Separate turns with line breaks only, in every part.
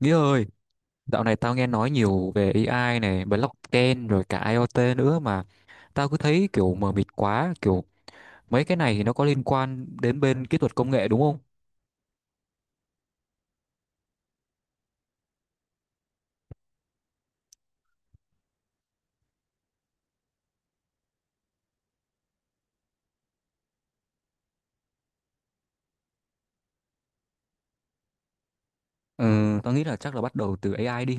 Nghĩa ơi, dạo này tao nghe nói nhiều về AI này, blockchain rồi cả IoT nữa mà tao cứ thấy kiểu mờ mịt quá, kiểu mấy cái này thì nó có liên quan đến bên kỹ thuật công nghệ đúng không? Ừ, tao nghĩ là chắc là bắt đầu từ AI đi.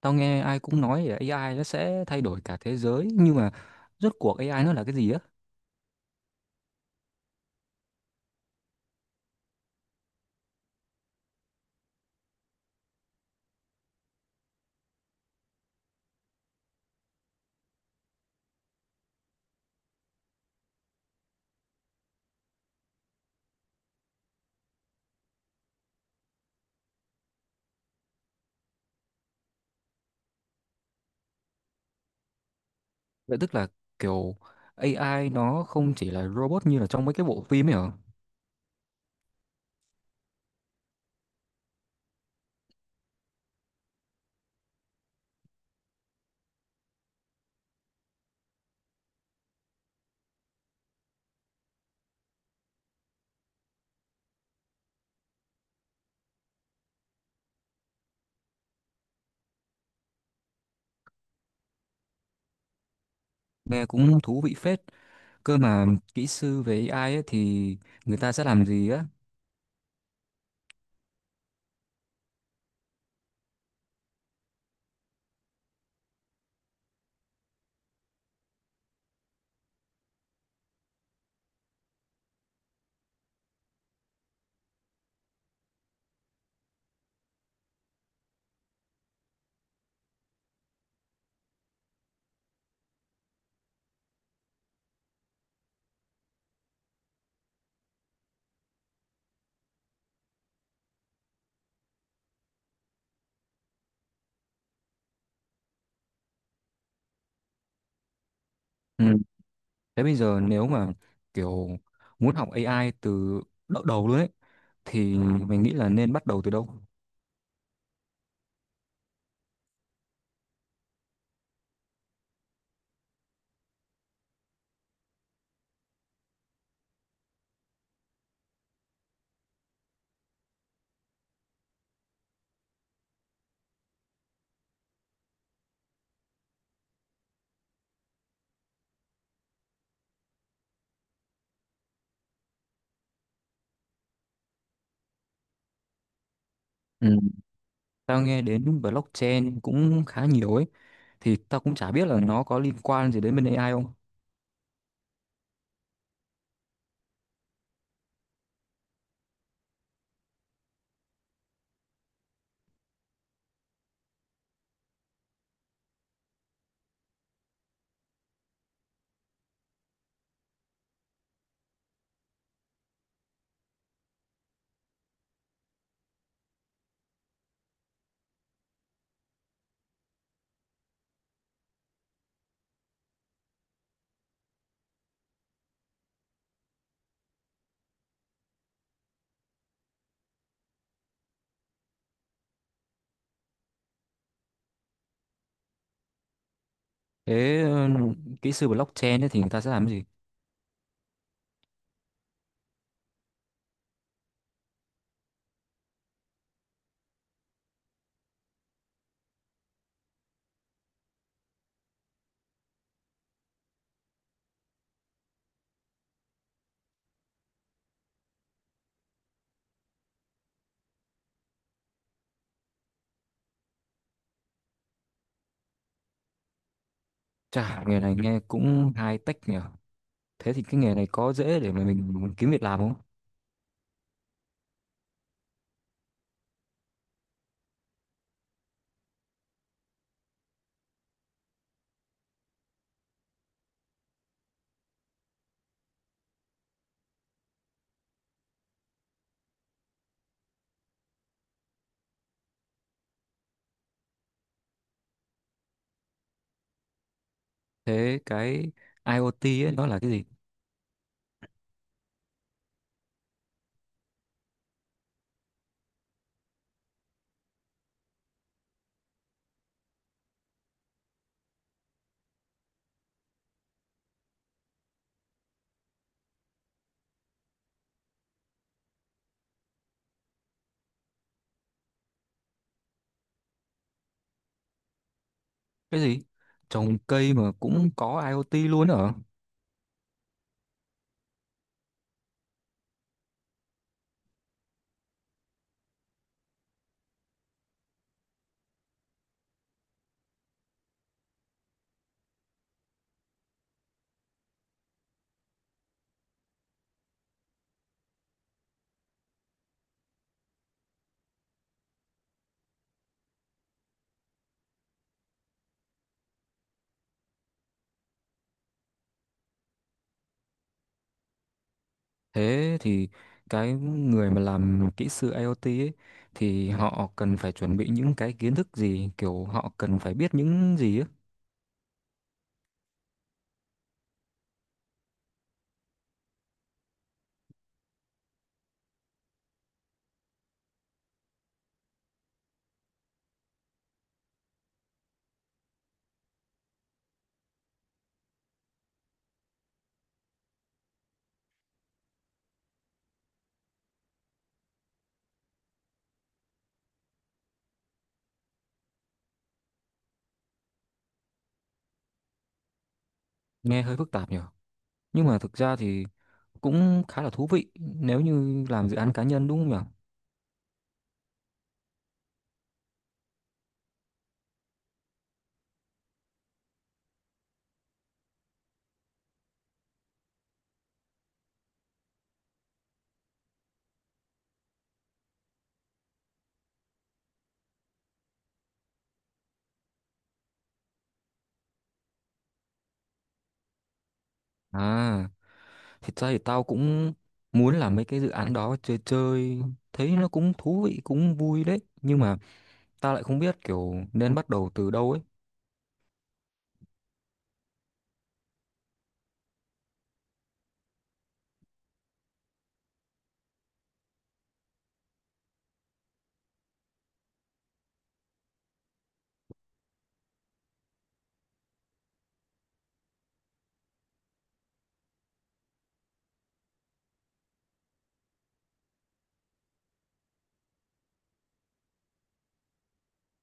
Tao nghe ai cũng nói là AI nó sẽ thay đổi cả thế giới, nhưng mà rốt cuộc AI nó là cái gì á? Vậy tức là kiểu AI nó không chỉ là robot như là trong mấy cái bộ phim ấy hả? Nghe cũng thú vị phết. Cơ mà kỹ sư về AI ấy thì người ta sẽ làm gì á? Ừ. Thế bây giờ nếu mà kiểu muốn học AI từ đỡ đầu luôn ấy thì mình nghĩ là nên bắt đầu từ đâu? Ừ. Tao nghe đến blockchain cũng khá nhiều ấy thì tao cũng chả biết là nó có liên quan gì đến bên AI không. Thế ừ, kỹ sư blockchain ấy thì người ta sẽ làm cái gì? Chả nghề này nghe cũng high tech nhỉ. Thế thì cái nghề này có dễ để mà mình kiếm việc làm không? Thế cái IoT ấy nó là cái gì? Cái gì? Trồng cây mà cũng có IoT luôn hả? Thế thì cái người mà làm kỹ sư IoT ấy, thì họ cần phải chuẩn bị những cái kiến thức gì, kiểu họ cần phải biết những gì ấy. Nghe hơi phức tạp nhỉ. Nhưng mà thực ra thì cũng khá là thú vị nếu như làm dự án cá nhân đúng không nhỉ? À, thật ra thì tao cũng muốn làm mấy cái dự án đó chơi chơi, thấy nó cũng thú vị, cũng vui đấy. Nhưng mà tao lại không biết kiểu nên bắt đầu từ đâu ấy.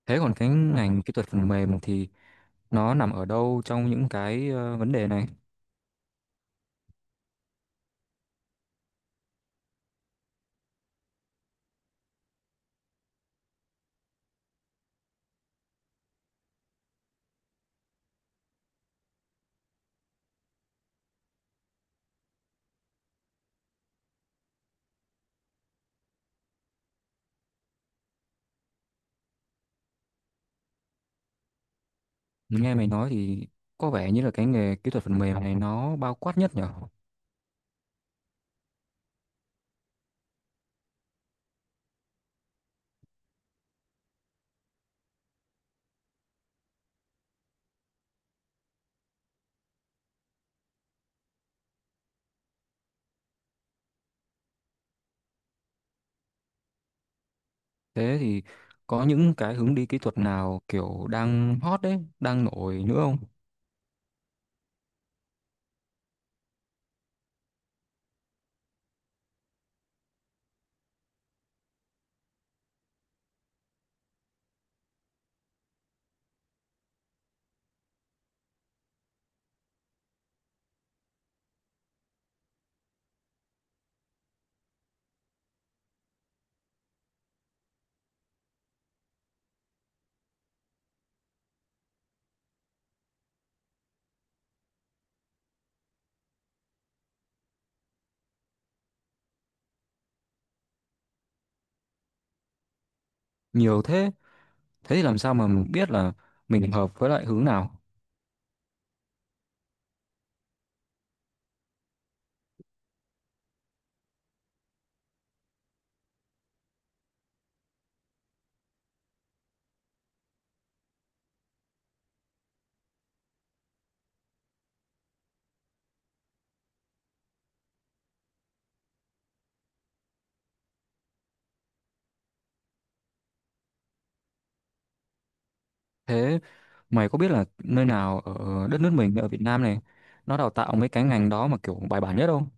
Thế còn cái ngành kỹ thuật phần mềm thì nó nằm ở đâu trong những cái vấn đề này? Nghe mày nói thì có vẻ như là cái nghề kỹ thuật phần mềm này nó bao quát nhất nhở. Thế thì có những cái hướng đi kỹ thuật nào kiểu đang hot đấy đang nổi nữa không? Nhiều thế. Thế thì làm sao mà mình biết là mình hợp với lại hướng nào? Thế mày có biết là nơi nào ở đất nước mình ở Việt Nam này nó đào tạo mấy cái ngành đó mà kiểu bài bản nhất không?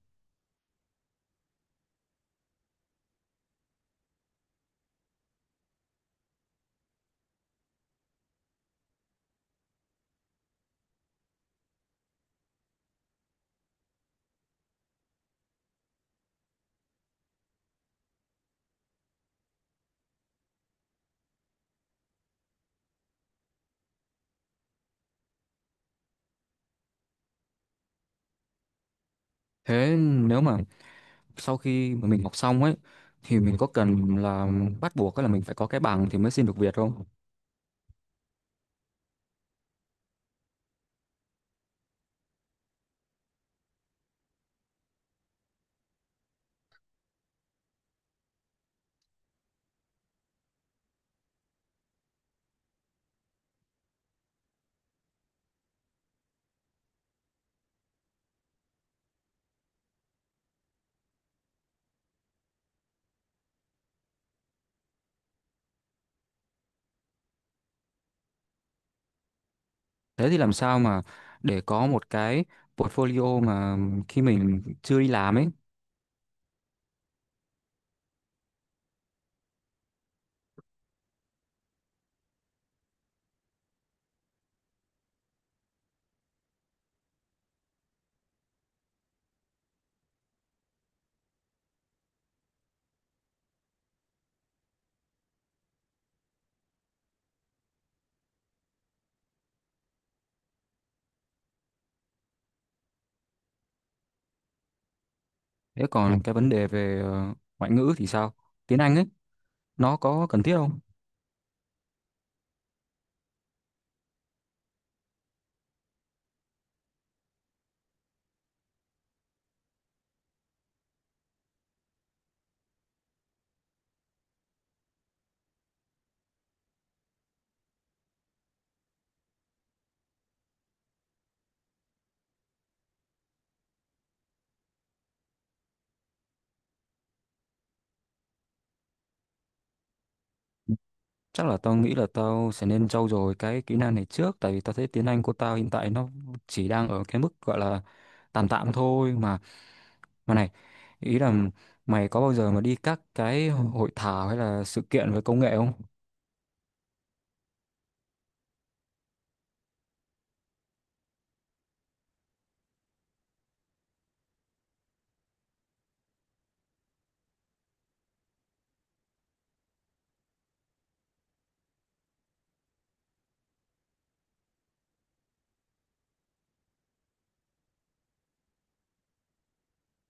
Thế nếu mà sau khi mà mình học xong ấy thì mình có cần là bắt buộc là mình phải có cái bằng thì mới xin được việc không? Thế thì làm sao mà để có một cái portfolio mà khi mình chưa đi làm ấy? Thế còn cái vấn đề về ngoại ngữ thì sao? Tiếng Anh ấy nó có cần thiết không? Chắc là tao nghĩ là tao sẽ nên trau dồi cái kỹ năng này trước tại vì tao thấy tiếng Anh của tao hiện tại nó chỉ đang ở cái mức gọi là tạm tạm thôi mà. Mà này, ý là mày có bao giờ mà đi các cái hội thảo hay là sự kiện về công nghệ không?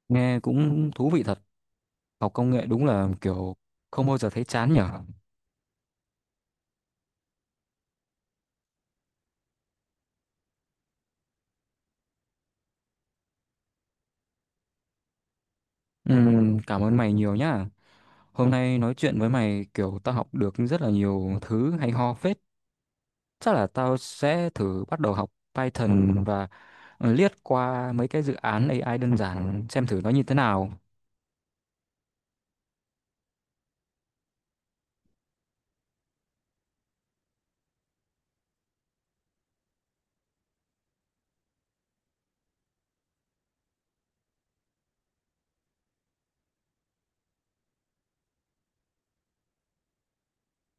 Nghe cũng thú vị thật. Học công nghệ đúng là kiểu không bao giờ thấy chán nhở. Cảm ơn mày nhiều nhá, hôm nay nói chuyện với mày kiểu tao học được rất là nhiều thứ hay ho phết. Chắc là tao sẽ thử bắt đầu học Python và liếc qua mấy cái dự án AI đơn giản xem thử nó như thế nào.